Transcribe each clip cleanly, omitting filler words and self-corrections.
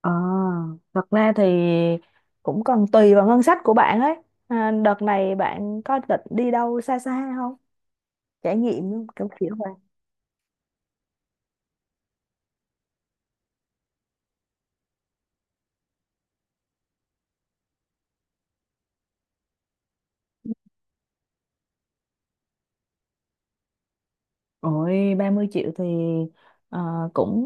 Ờ, Thật ra thì cũng còn tùy vào ngân sách của bạn ấy. À, đợt này bạn có định đi đâu xa xa không? Trải nghiệm kiểu kiểu Ôi, 30 triệu thì ờ, cũng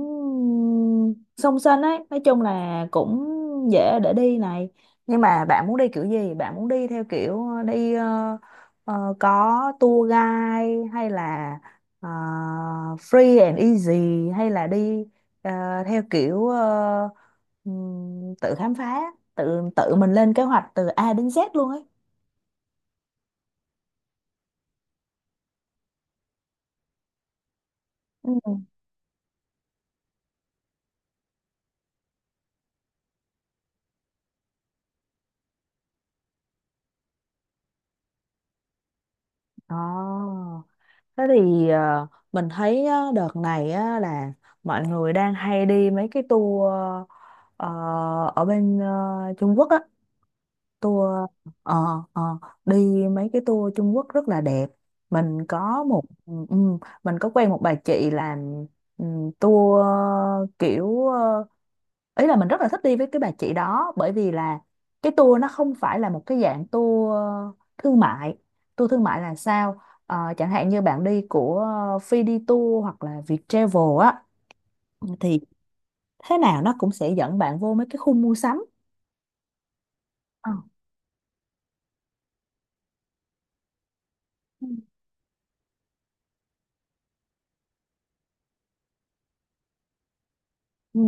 song sinh ấy, nói chung là cũng dễ để đi này, nhưng mà bạn muốn đi kiểu gì? Bạn muốn đi theo kiểu có tour guide hay là ờ, free and easy, hay là đi ờ, theo kiểu tự khám phá, tự tự mình lên kế hoạch từ A đến Z luôn ấy. Ừ. Ồ. Thế thì mình thấy á, đợt này á, là mọi người đang hay đi mấy cái tour ờ, ở bên Trung Quốc á, tour ờ ờ, đi mấy cái tour Trung Quốc rất là đẹp. Mình có một, mình có quen một bà chị làm ừ, tour kiểu ý là mình rất là thích đi với cái bà chị đó, bởi vì là cái tour nó không phải là một cái dạng tour thương mại. Tour thương mại là sao? Chẳng hạn như bạn đi của Phi đi Tour hoặc là Viettravel á, thì thế nào nó cũng sẽ dẫn bạn vô mấy cái khu mua sắm. Ờ. Ừ,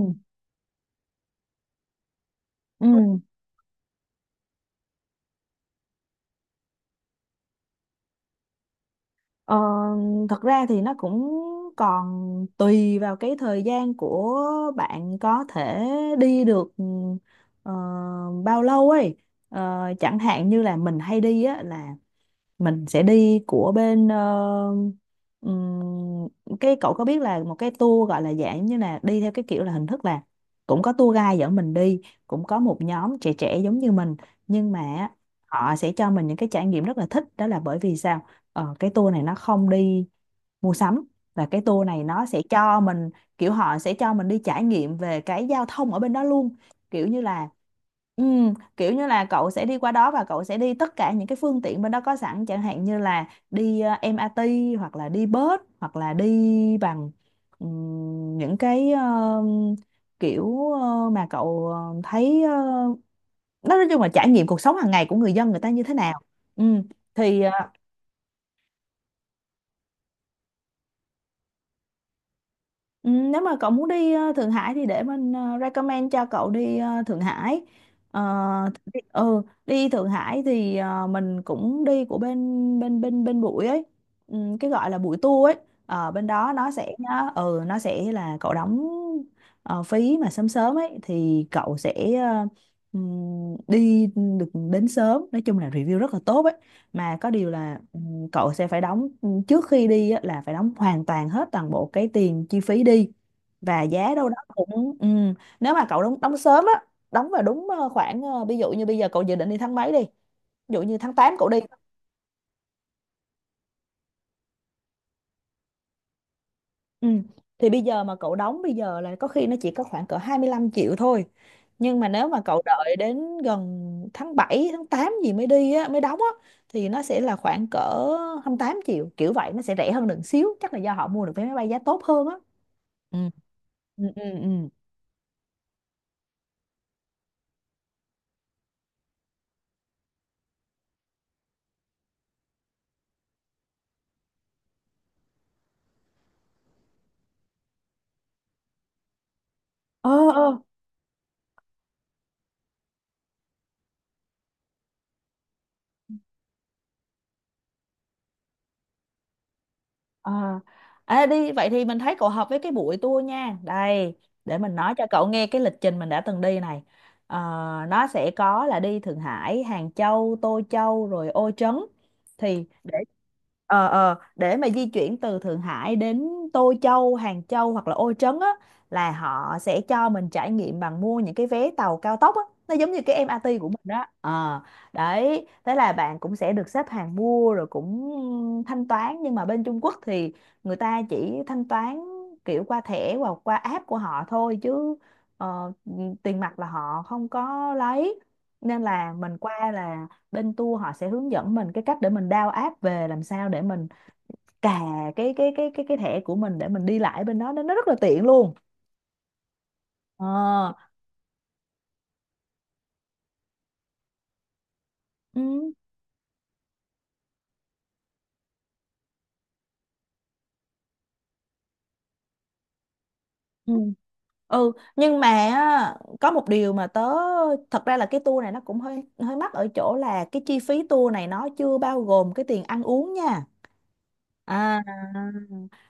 ừ. Ờ, Thật ra thì nó cũng còn tùy vào cái thời gian của bạn có thể đi được ờ, bao lâu ấy. Chẳng hạn như là mình hay đi á là mình sẽ đi của bên ừm, cái cậu có biết là một cái tour gọi là dạng như là đi theo cái kiểu là hình thức là cũng có tour guide dẫn mình đi, cũng có một nhóm trẻ trẻ giống như mình, nhưng mà họ sẽ cho mình những cái trải nghiệm rất là thích, đó là bởi vì sao? Cái tour này nó không đi mua sắm, và cái tour này nó sẽ cho mình kiểu họ sẽ cho mình đi trải nghiệm về cái giao thông ở bên đó luôn, kiểu như là ừ, kiểu như là cậu sẽ đi qua đó và cậu sẽ đi tất cả những cái phương tiện bên đó có sẵn, chẳng hạn như là đi MRT hoặc là đi bus hoặc là đi bằng những cái kiểu mà cậu thấy nói chung là trải nghiệm cuộc sống hàng ngày của người dân người ta như thế nào. Ừ. thì ờ, Ừ, nếu mà cậu muốn đi Thượng Hải thì để mình recommend cho cậu đi Thượng Hải. Ờ, Đi Thượng Hải thì mình cũng đi của bên bên bên bên bụi ấy, ừ, cái gọi là bụi tour ấy. Bên đó nó sẽ nó sẽ là cậu đóng phí mà sớm sớm ấy thì cậu sẽ đi được đến sớm. Nói chung là review rất là tốt ấy. Mà có điều là cậu sẽ phải đóng trước khi đi á, là phải đóng hoàn toàn hết toàn bộ cái tiền chi phí đi, và giá đâu đó cũng nếu mà cậu đóng đóng sớm á, đóng vào đúng khoảng ví dụ như bây giờ cậu dự định đi tháng mấy đi, ví dụ như tháng 8 cậu đi. Ừ. Thì bây giờ mà cậu đóng bây giờ là có khi nó chỉ có khoảng cỡ 25 triệu thôi, nhưng mà nếu mà cậu đợi đến gần tháng 7 tháng 8 gì mới đi á, mới đóng á thì nó sẽ là khoảng cỡ 28 triệu kiểu vậy. Nó sẽ rẻ hơn được xíu, chắc là do họ mua được vé máy bay giá tốt hơn á. Ừ. Ừ, ừ, ừ. ờ ờ ờ. À, đi vậy thì mình thấy cậu hợp với cái buổi tour nha. Đây để mình nói cho cậu nghe cái lịch trình mình đã từng đi này. Ờ, nó sẽ có là đi Thượng Hải, Hàng Châu, Tô Châu rồi Ô Trấn. Thì để để mà di chuyển từ Thượng Hải đến Tô Châu, Hàng Châu hoặc là Ô Trấn á là họ sẽ cho mình trải nghiệm bằng mua những cái vé tàu cao tốc á, nó giống như cái em MRT của mình đó. Ờ. Đấy, thế là bạn cũng sẽ được xếp hàng mua rồi cũng thanh toán, nhưng mà bên Trung Quốc thì người ta chỉ thanh toán kiểu qua thẻ hoặc qua app của họ thôi, chứ ờ, tiền mặt là họ không có lấy. Nên là mình qua là bên tour họ sẽ hướng dẫn mình cái cách để mình download app về, làm sao để mình cà cái thẻ của mình để mình đi lại bên đó, nên nó rất là tiện luôn. Ờ. Ừ. Ừ. Ừ, nhưng mà á, có một điều mà tớ, thật ra là cái tour này nó cũng hơi hơi mắc ở chỗ là cái chi phí tour này nó chưa bao gồm cái tiền ăn uống nha. À.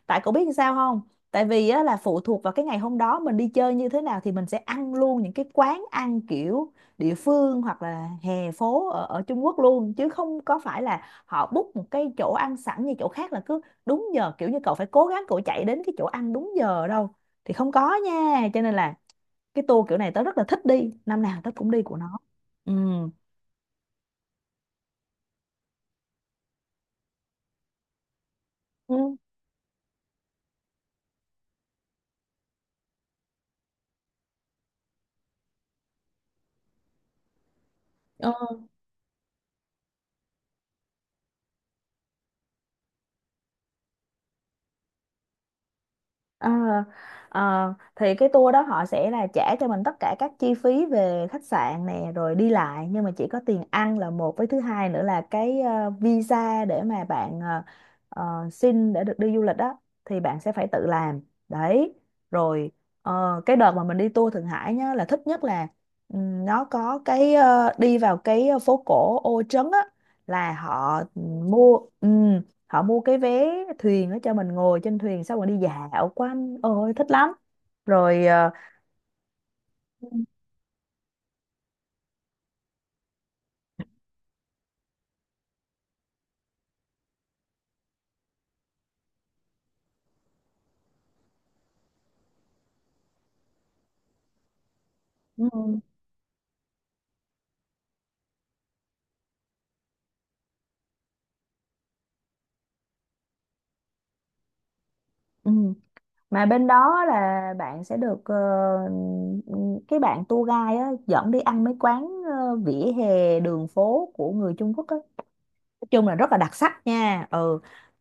Tại cậu biết sao không? Tại vì á, là phụ thuộc vào cái ngày hôm đó mình đi chơi như thế nào thì mình sẽ ăn luôn những cái quán ăn kiểu địa phương hoặc là hè phố ở Trung Quốc luôn, chứ không có phải là họ book một cái chỗ ăn sẵn như chỗ khác là cứ đúng giờ kiểu như cậu phải cố gắng, cậu chạy đến cái chỗ ăn đúng giờ đâu. Thì không có nha, cho nên là cái tour kiểu này tớ rất là thích đi, năm nào tớ cũng đi của nó. Ừ. Ừ. Ừ. Ờ, Ờ, thì cái tour đó họ sẽ là trả cho mình tất cả các chi phí về khách sạn nè rồi đi lại, nhưng mà chỉ có tiền ăn là một, với thứ hai nữa là cái visa để mà bạn xin để được đi du lịch đó thì bạn sẽ phải tự làm. Đấy. Rồi cái đợt mà mình đi tour Thượng Hải nhá là thích nhất là nó có cái đi vào cái phố cổ Ô Trấn á, là họ mua họ mua cái vé thuyền đó cho mình ngồi trên thuyền xong rồi đi dạo quanh, ôi thích lắm. Rồi ừ, ừ. Mà bên đó là bạn sẽ được cái bạn tour guide á, dẫn đi ăn mấy quán vỉa hè đường phố của người Trung Quốc á, nói chung là rất là đặc sắc nha. Ừ.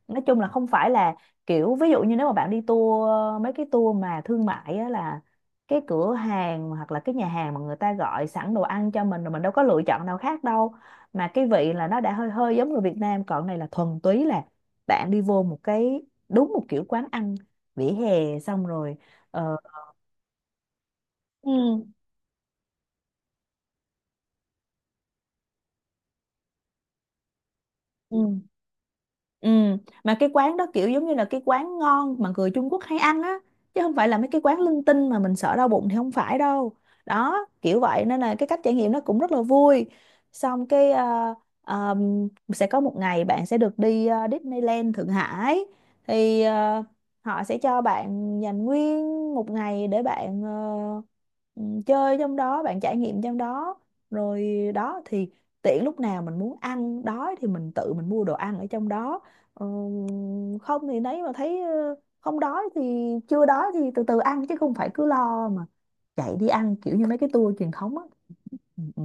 Nói chung là không phải là kiểu ví dụ như nếu mà bạn đi tour, mấy cái tour mà thương mại á là cái cửa hàng hoặc là cái nhà hàng mà người ta gọi sẵn đồ ăn cho mình rồi mình đâu có lựa chọn nào khác đâu. Mà cái vị là nó đã hơi hơi giống người Việt Nam, còn này là thuần túy là bạn đi vô một cái, đúng một kiểu quán ăn vỉa hè xong rồi ờ, ừ, ừ. Ừ, mà cái quán đó kiểu giống như là cái quán ngon mà người Trung Quốc hay ăn á, chứ không phải là mấy cái quán linh tinh mà mình sợ đau bụng thì không phải đâu. Đó kiểu vậy nên là cái cách trải nghiệm nó cũng rất là vui. Xong cái sẽ có một ngày bạn sẽ được đi Disneyland Thượng Hải thì họ sẽ cho bạn dành nguyên một ngày để bạn ừ, chơi trong đó, bạn trải nghiệm trong đó. Rồi đó thì tiện lúc nào mình muốn ăn đói thì mình tự mình mua đồ ăn ở trong đó. Ờ, Không thì nấy mà thấy không đói thì, chưa đói thì từ từ ăn, chứ không phải cứ lo mà chạy đi ăn kiểu như mấy cái tour truyền thống á. Ừ, ừ.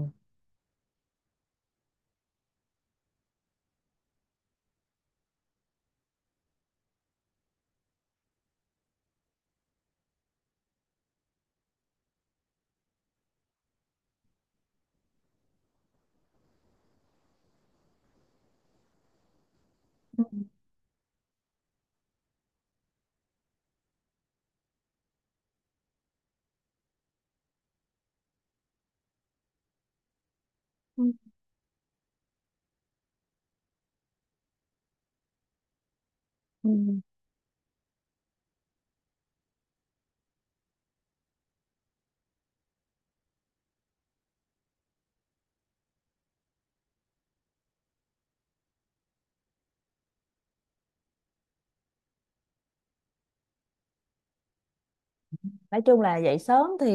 Ừ, ừ, ừ. Nói chung là dậy sớm thì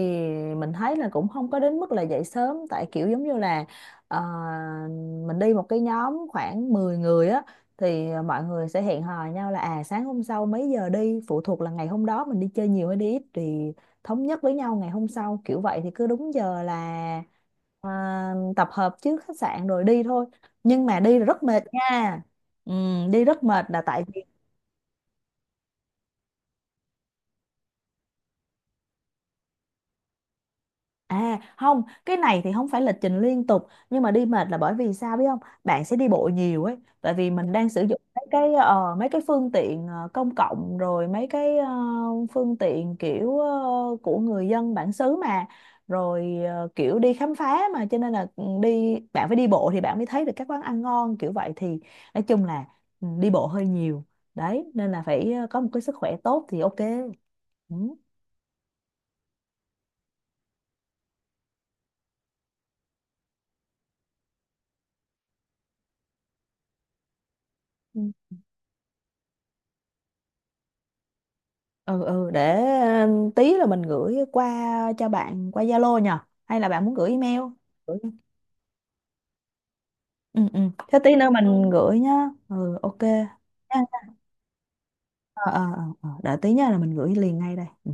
mình thấy là cũng không có đến mức là dậy sớm, tại kiểu giống như là ờ, mình đi một cái nhóm khoảng 10 người á, thì mọi người sẽ hẹn hò nhau là à sáng hôm sau mấy giờ đi, phụ thuộc là ngày hôm đó mình đi chơi nhiều hay đi ít thì thống nhất với nhau ngày hôm sau, kiểu vậy thì cứ đúng giờ là à, tập hợp trước khách sạn rồi đi thôi. Nhưng mà đi là rất mệt nha. Ừ, đi rất mệt là tại. À không, cái này thì không phải lịch trình liên tục, nhưng mà đi mệt là bởi vì sao biết không? Bạn sẽ đi bộ nhiều ấy, tại vì mình đang sử dụng mấy cái mấy cái phương tiện công cộng, rồi mấy cái phương tiện kiểu của người dân bản xứ mà, rồi kiểu đi khám phá mà, cho nên là ừ, đi bạn phải đi bộ thì bạn mới thấy được các quán ăn ngon kiểu vậy. Thì nói chung là ừ, đi bộ hơi nhiều. Đấy, nên là phải có một cái sức khỏe tốt thì ok. Ừ. Ừ. Ừ, ừ, để ừ, tí là mình gửi qua cho bạn qua Zalo nhờ, hay là bạn muốn gửi email? Gửi. Ừ, ừ, thế tí nữa mình gửi nhá. Ừ, ok. Ờ, để tí nha là mình gửi liền ngay đây. Ừ.